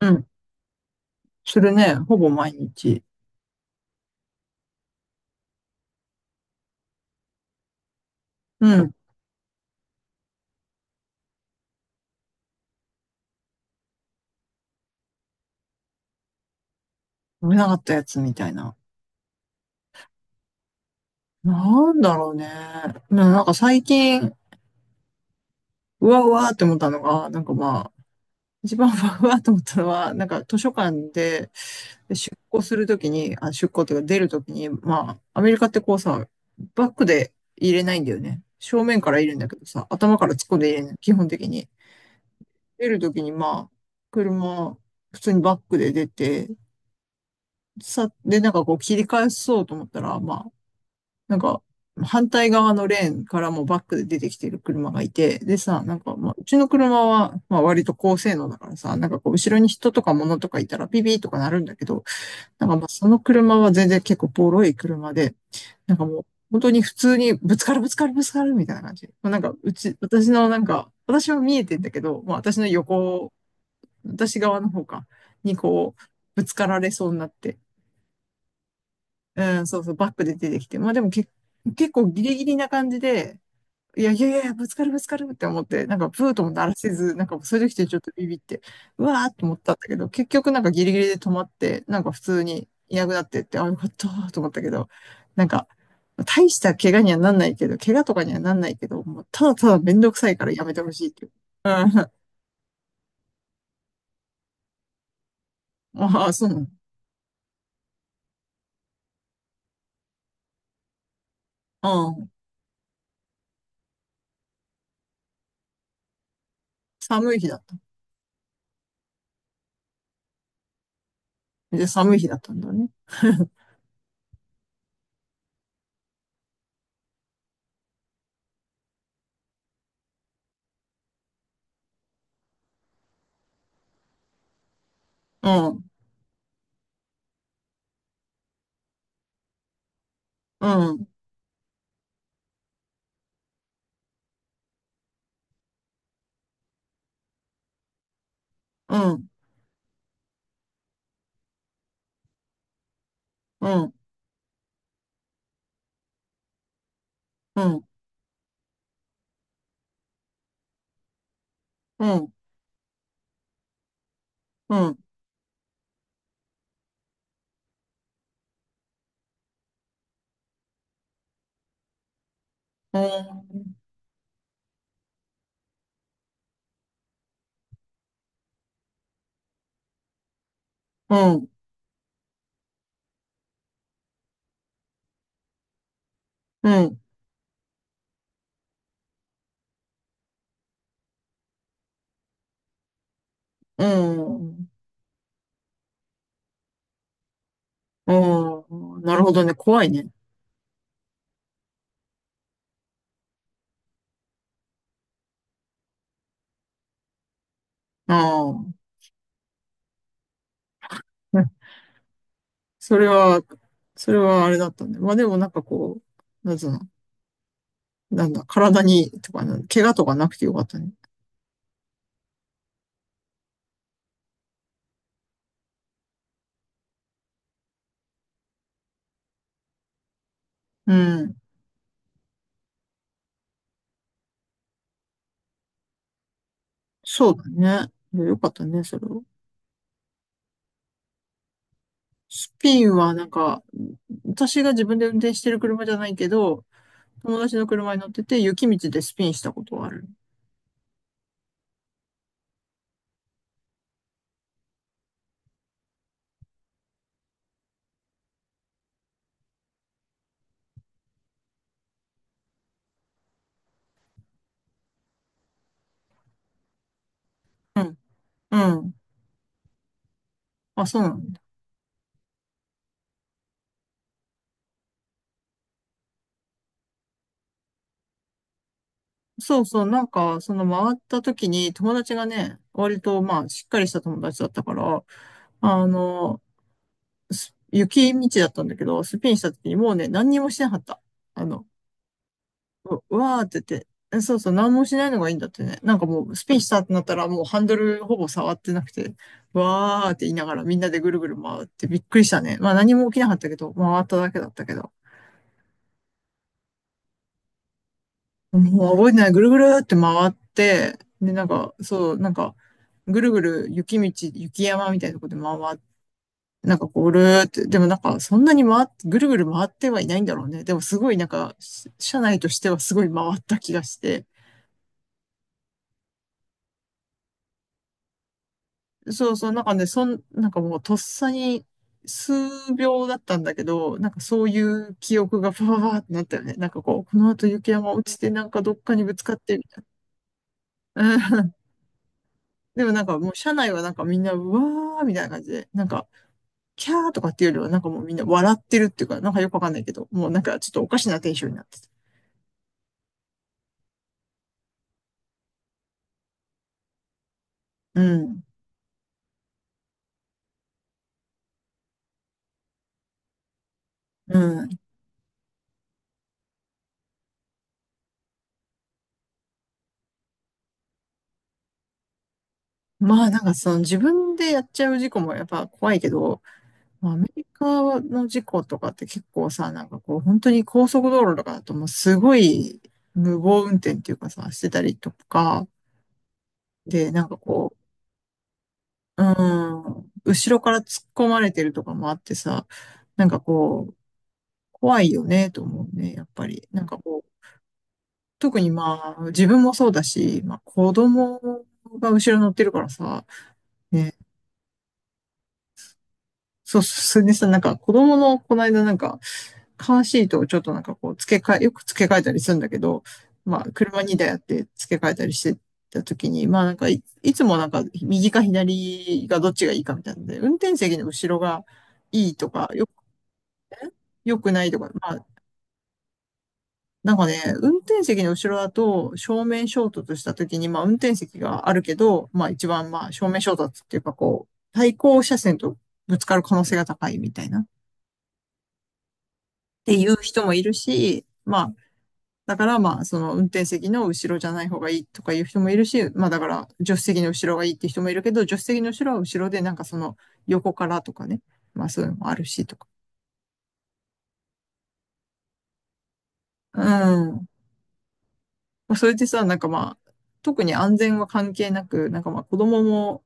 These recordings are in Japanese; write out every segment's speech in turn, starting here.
うん。するね。ほぼ毎日。うん。飲めなかったやつみたいな。なんだろうね。なんか最近、うわうわって思ったのが、なんかまあ、一番うわうわって思ったのは、なんか図書館で出庫するときに、あ、出庫っていうか出るときに、まあ、アメリカってこうさ、バックで入れないんだよね。正面から入れるんだけどさ、頭から突っ込んで入れるの、基本的に。出るときにまあ、車、普通にバックで出て、さ、で、なんかこう切り返そうと思ったら、まあ、なんか、反対側のレーンからもバックで出てきてる車がいて、でさ、なんか、まあ、うちの車は、まあ、割と高性能だからさ、なんかこう、後ろに人とか物とかいたらピピーとかなるんだけど、なんかまあ、その車は全然結構ボロい車で、なんかもう、本当に普通にぶつかるぶつかるぶつかるみたいな感じ。まあ、なんか、うち、私のなんか、私は見えてんだけど、まあ、私側の方か、にこう、ぶつかられそうになって、うん、そうそう、バックで出てきて、まあでも結構ギリギリな感じで、いやいやいやいや、ぶつかるぶつかるって思って、なんかプーとも鳴らせず、なんかそういう時ってちょっとビビって、うわーって思ったんだけど、結局なんかギリギリで止まって、なんか普通にいなくなってって、あ、よかったーと思ったけど、なんか、大した怪我にはなんないけど、怪我とかにはなんないけど、もうただただめんどくさいからやめてほしいっていう。ああ、そうなの。うん。寒い日だった。で、寒い日だったんだね。うん、うん、うん、うん、うん、うん、うん、うん、うん、うん、うん。ああ、なるほどね。怖いね。ああ、うんそれは、それはあれだったね。まあでもなんかこう、なんつうの、なんだ、体に、とかな、怪我とかなくてよかったね。うん。そうだね。いやよかったね、それを。スピンはなんか、私が自分で運転してる車じゃないけど、友達の車に乗ってて、雪道でスピンしたことはある。うん。うん。あ、そうなんだ。そうそう、なんか、その回った時に友達がね、割とまあ、しっかりした友達だったから、あの、雪道だったんだけど、スピンした時にもうね、何にもしてなかった。あの、うわーって言って、そうそう、何もしないのがいいんだってね。なんかもう、スピンしたってなったら、もうハンドルほぼ触ってなくて、わーって言いながらみんなでぐるぐる回ってびっくりしたね。まあ何も起きなかったけど、回っただけだったけど。もう覚えてない。ぐるぐるって回って、で、なんか、そう、なんか、ぐるぐる雪道、雪山みたいなとこでなんかこう、るーって、でもなんかそんなにぐるぐる回ってはいないんだろうね。でもすごいなんか、社内としてはすごい回った気がして。そうそう、なんかね、なんかもうとっさに数秒だったんだけど、なんかそういう記憶がパパーってなったよね。なんかこう、この後雪山落ちてなんかどっかにぶつかってみたいな。うん。でもなんかもう社内はなんかみんな、うわーみたいな感じで、なんか、キャーとかっていうよりはなんかもうみんな笑ってるっていうか、なんかよくわかんないけど、もうなんかちょっとおかしなテンションになってた。うん。うん。まあなんかその自分でやっちゃう事故もやっぱ怖いけど、まあアメリカの事故とかって結構さ、なんかこう本当に高速道路とかだともうすごい無謀運転っていうかさ、してたりとか、でなんかこう、うん、後ろから突っ込まれてるとかもあってさ、なんかこう、怖いよねと思うね、やっぱり。なんかこう、特にまあ自分もそうだし、まあ子供が後ろ乗ってるからさ、ね、そう、それでさ、なんか子供のこの間なんか、カーシートをちょっとなんかこう、付け替え、よく付け替えたりするんだけど、まあ、車2台あって付け替えたりしてた時に、まあなんかいつもなんか、右か左がどっちがいいかみたいなので、運転席の後ろがいいとか、よくないとか、まあ、なんかね、運転席の後ろだと正面衝突した時に、まあ運転席があるけど、まあ一番まあ正面衝突っていうかこう、対向車線とぶつかる可能性が高いみたいなっていう人もいるし、まあだからまあ、その運転席の後ろじゃない方がいいとかいう人もいるし、まあだから助手席の後ろがいいって人もいるけど、助手席の後ろは後ろでなんかその横からとかね、まあそういうのもあるしとか。うん。まあそれでさ、なんかまあ、特に安全は関係なく、なんかまあ子供も、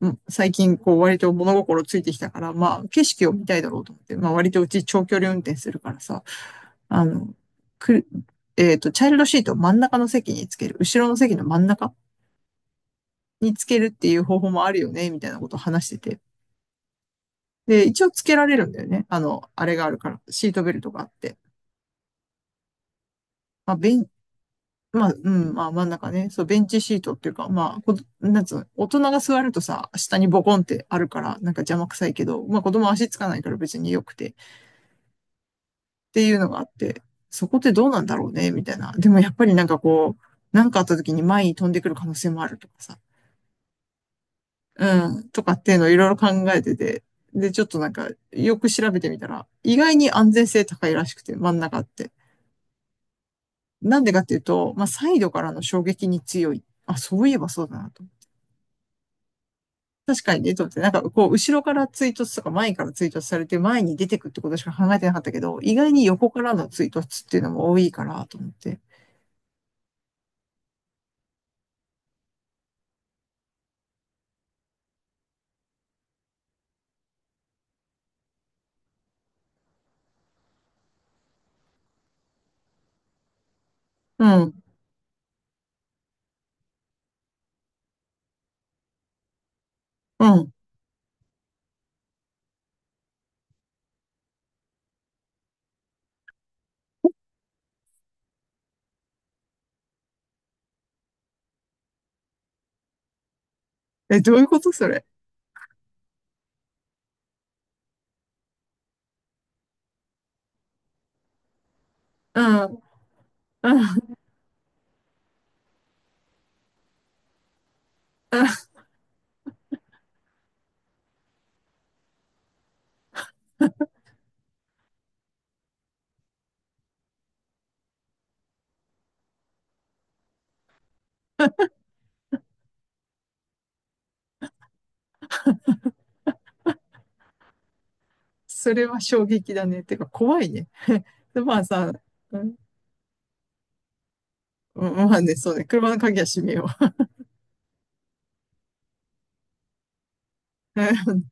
うん最近こう割と物心ついてきたから、まあ景色を見たいだろうと思って、まあ割とうち長距離運転するからさ、あの、くる、えっと、チャイルドシートを真ん中の席につける。後ろの席の真ん中につけるっていう方法もあるよね、みたいなことを話してて。で、一応つけられるんだよね。あれがあるから、シートベルトがあって。まあ、まあ、うん、まあ真ん中ね、そう、ベンチシートっていうか、まあ、なんつうの、大人が座るとさ、下にボコンってあるから、なんか邪魔くさいけど、まあ子供足つかないから別に良くて、っていうのがあって、そこってどうなんだろうね、みたいな。でもやっぱりなんかこう、なんかあった時に前に飛んでくる可能性もあるとかさ、うん、とかっていうのをいろいろ考えてて、で、ちょっとなんか、よく調べてみたら、意外に安全性高いらしくて、真ん中って。なんでかっていうと、まあ、サイドからの衝撃に強い。あ、そういえばそうだなと。確かにね、と思って、なんかこう、後ろから追突とか前から追突されて前に出てくってことしか考えてなかったけど、意外に横からの追突っていうのも多いから、と思って。うん、うん。え、どういうことそれ。うん、うん、うん。それは衝撃だね。てか、怖いね。で、まあさ、うんうん、まあね、そうね。車の鍵は閉めよう。